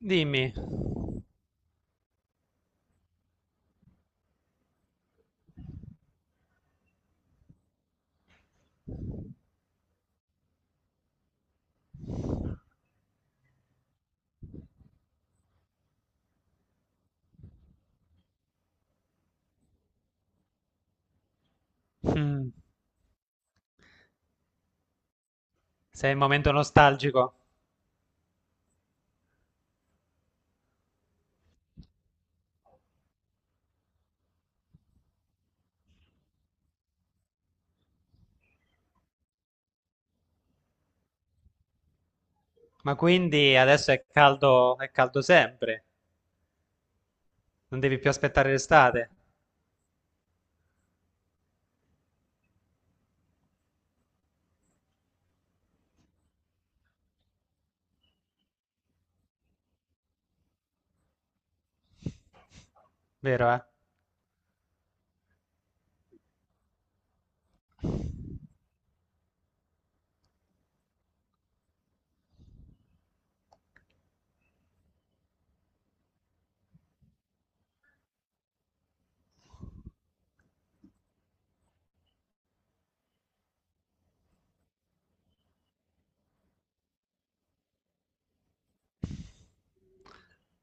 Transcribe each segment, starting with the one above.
Dimmi. Mm. Sei in momento nostalgico? Ma quindi adesso è caldo sempre, non devi più aspettare l'estate, vero, eh?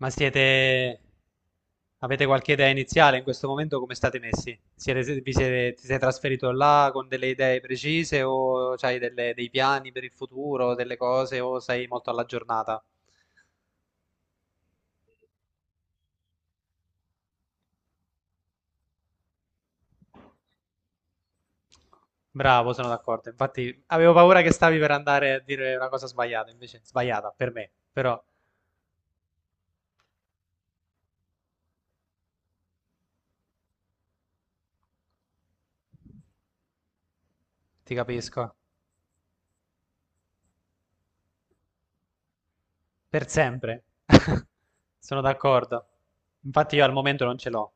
Ma siete, avete qualche idea iniziale in questo momento? Come state messi? Ti sei trasferito là con delle idee precise o hai dei piani per il futuro, delle cose, o sei molto alla giornata? Bravo, sono d'accordo. Infatti, avevo paura che stavi per andare a dire una cosa sbagliata, invece sbagliata per me, però... Ti capisco. Per sempre. Sono d'accordo. Infatti io al momento non ce l'ho.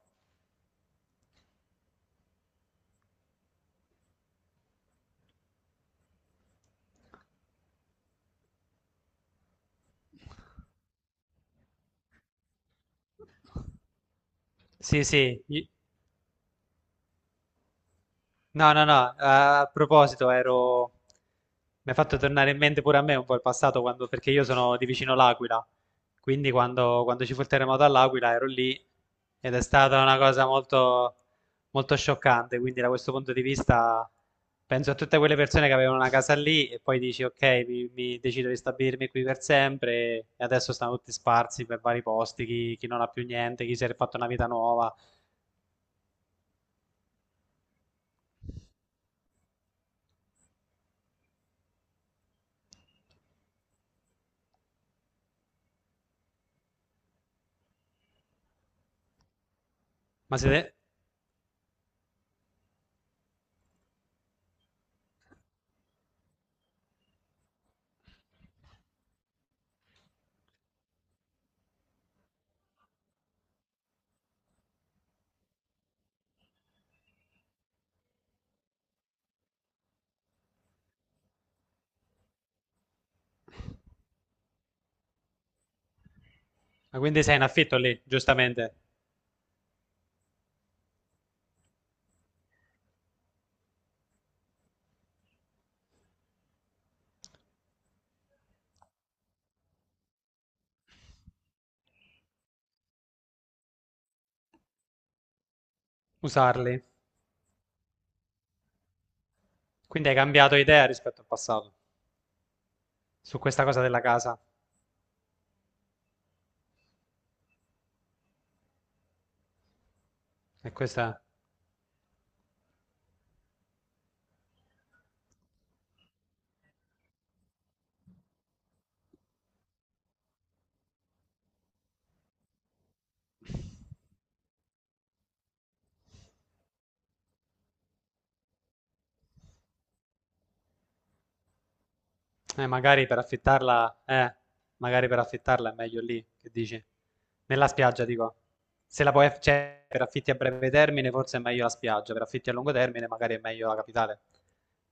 Sì, sì. No, no, no, a proposito, ero. Mi ha fatto tornare in mente pure a me un po' il passato, perché io sono di vicino l'Aquila, quindi quando ci fu il terremoto all'Aquila ero lì, ed è stata una cosa molto, molto scioccante. Quindi da questo punto di vista penso a tutte quelle persone che avevano una casa lì e poi dici ok, mi decido di stabilirmi qui per sempre, e adesso stanno tutti sparsi per vari posti, chi non ha più niente, chi si è fatto una vita nuova. ma, siete... ma quindi sei in affitto lì, giustamente? Usarli. Quindi hai cambiato idea rispetto al passato su questa cosa della casa. E questa, eh, magari per affittarla, eh, magari per affittarla è meglio lì, che dici? Nella spiaggia, dico. Se la puoi, cioè, per affitti a breve termine forse è meglio la spiaggia, per affitti a lungo termine magari è meglio la capitale,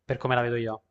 per come la vedo io.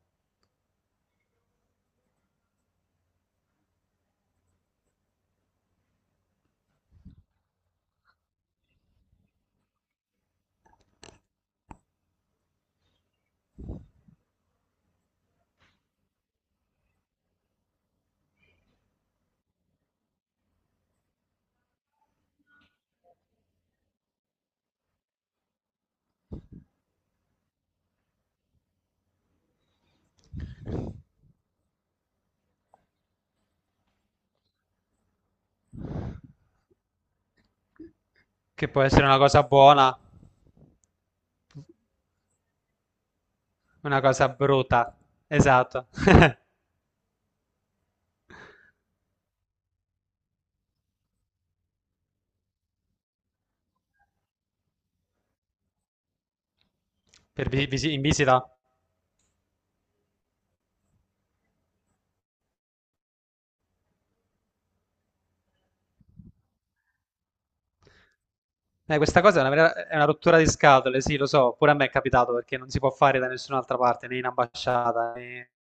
Che può essere una cosa buona, una cosa brutta. Esatto. In visita. Questa cosa è è una rottura di scatole, sì, lo so, pure a me è capitato, perché non si può fare da nessun'altra parte, né in ambasciata, né.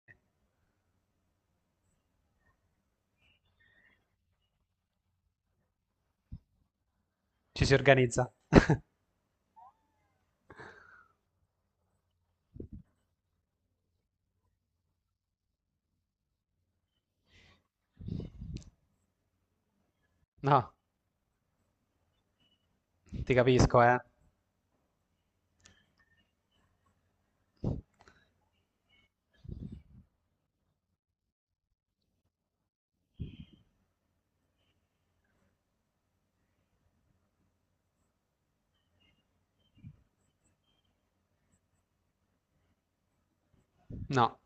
Ci si organizza. No, ti capisco, eh. No,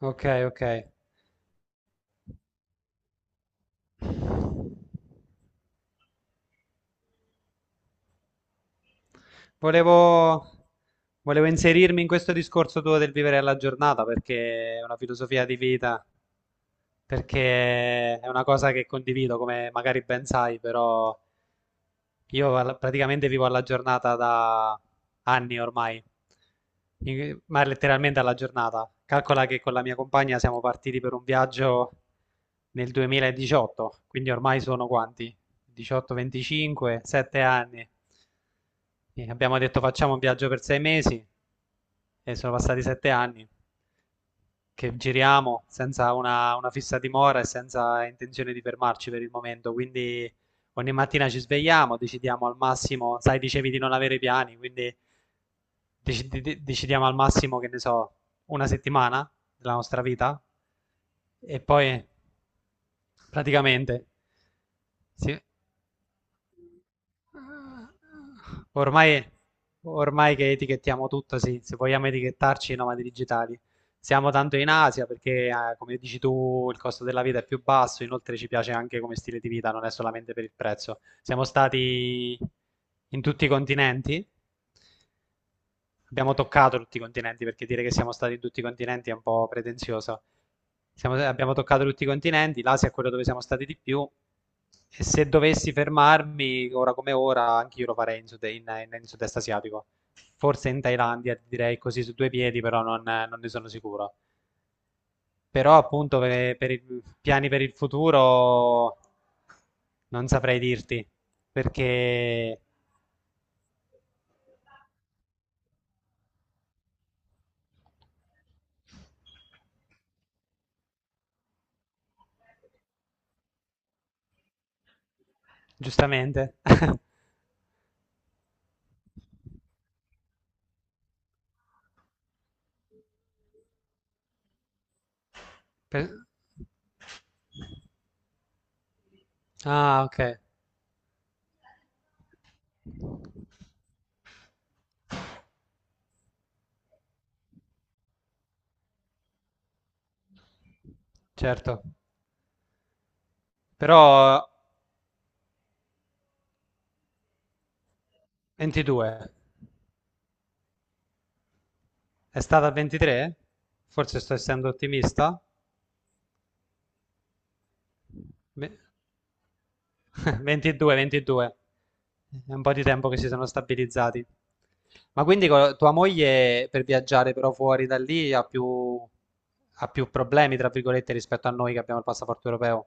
ok, ok. Volevo, volevo inserirmi in questo discorso tuo del vivere alla giornata, perché è una filosofia di vita, perché è una cosa che condivido, come magari ben sai, però. Io praticamente vivo alla giornata da anni ormai. Ma letteralmente alla giornata. Calcola che con la mia compagna siamo partiti per un viaggio nel 2018, quindi ormai sono quanti? 18, 25, 7 anni. E abbiamo detto facciamo un viaggio per 6 mesi e sono passati 7 anni che giriamo senza una fissa dimora e senza intenzione di fermarci per il momento. Quindi ogni mattina ci svegliamo, decidiamo al massimo, sai, dicevi di non avere piani, quindi decidiamo al massimo, che ne so, una settimana della nostra vita. E poi praticamente sì. Ormai, ormai che etichettiamo tutto, sì, se vogliamo etichettarci, i nomadi digitali. Siamo tanto in Asia perché, come dici tu, il costo della vita è più basso, inoltre ci piace anche come stile di vita, non è solamente per il prezzo. Siamo stati in tutti i continenti. Abbiamo toccato tutti i continenti, perché dire che siamo stati in tutti i continenti è un po' pretenzioso. Abbiamo toccato tutti i continenti, l'Asia è quello dove siamo stati di più. E se dovessi fermarmi, ora come ora, anche io lo farei in sud-est asiatico. Forse in Thailandia, direi così su due piedi, però non ne sono sicuro. Però appunto per i piani per il futuro non saprei dirti, perché giustamente... Per- Ah, ok. Certo, però 22. È stata 23? Forse sto essendo ottimista? Ve- 22, 22, è un po' di tempo che si sono stabilizzati. Ma quindi tua moglie per viaggiare però fuori da lì ha più problemi, tra virgolette, rispetto a noi che abbiamo il passaporto europeo?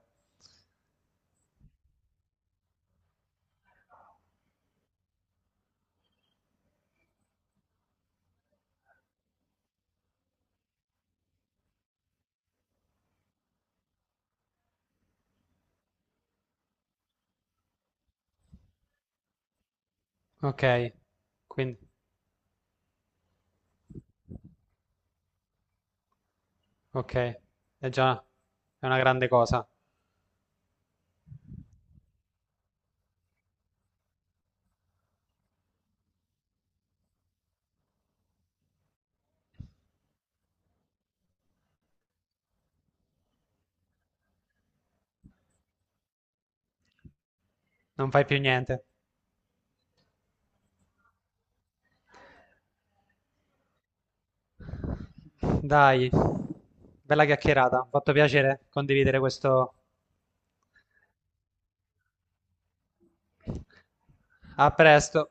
Ok, quindi, ok, è già. È una grande cosa. Non fai più niente. Dai, bella chiacchierata, mi ha fatto piacere condividere questo. A presto.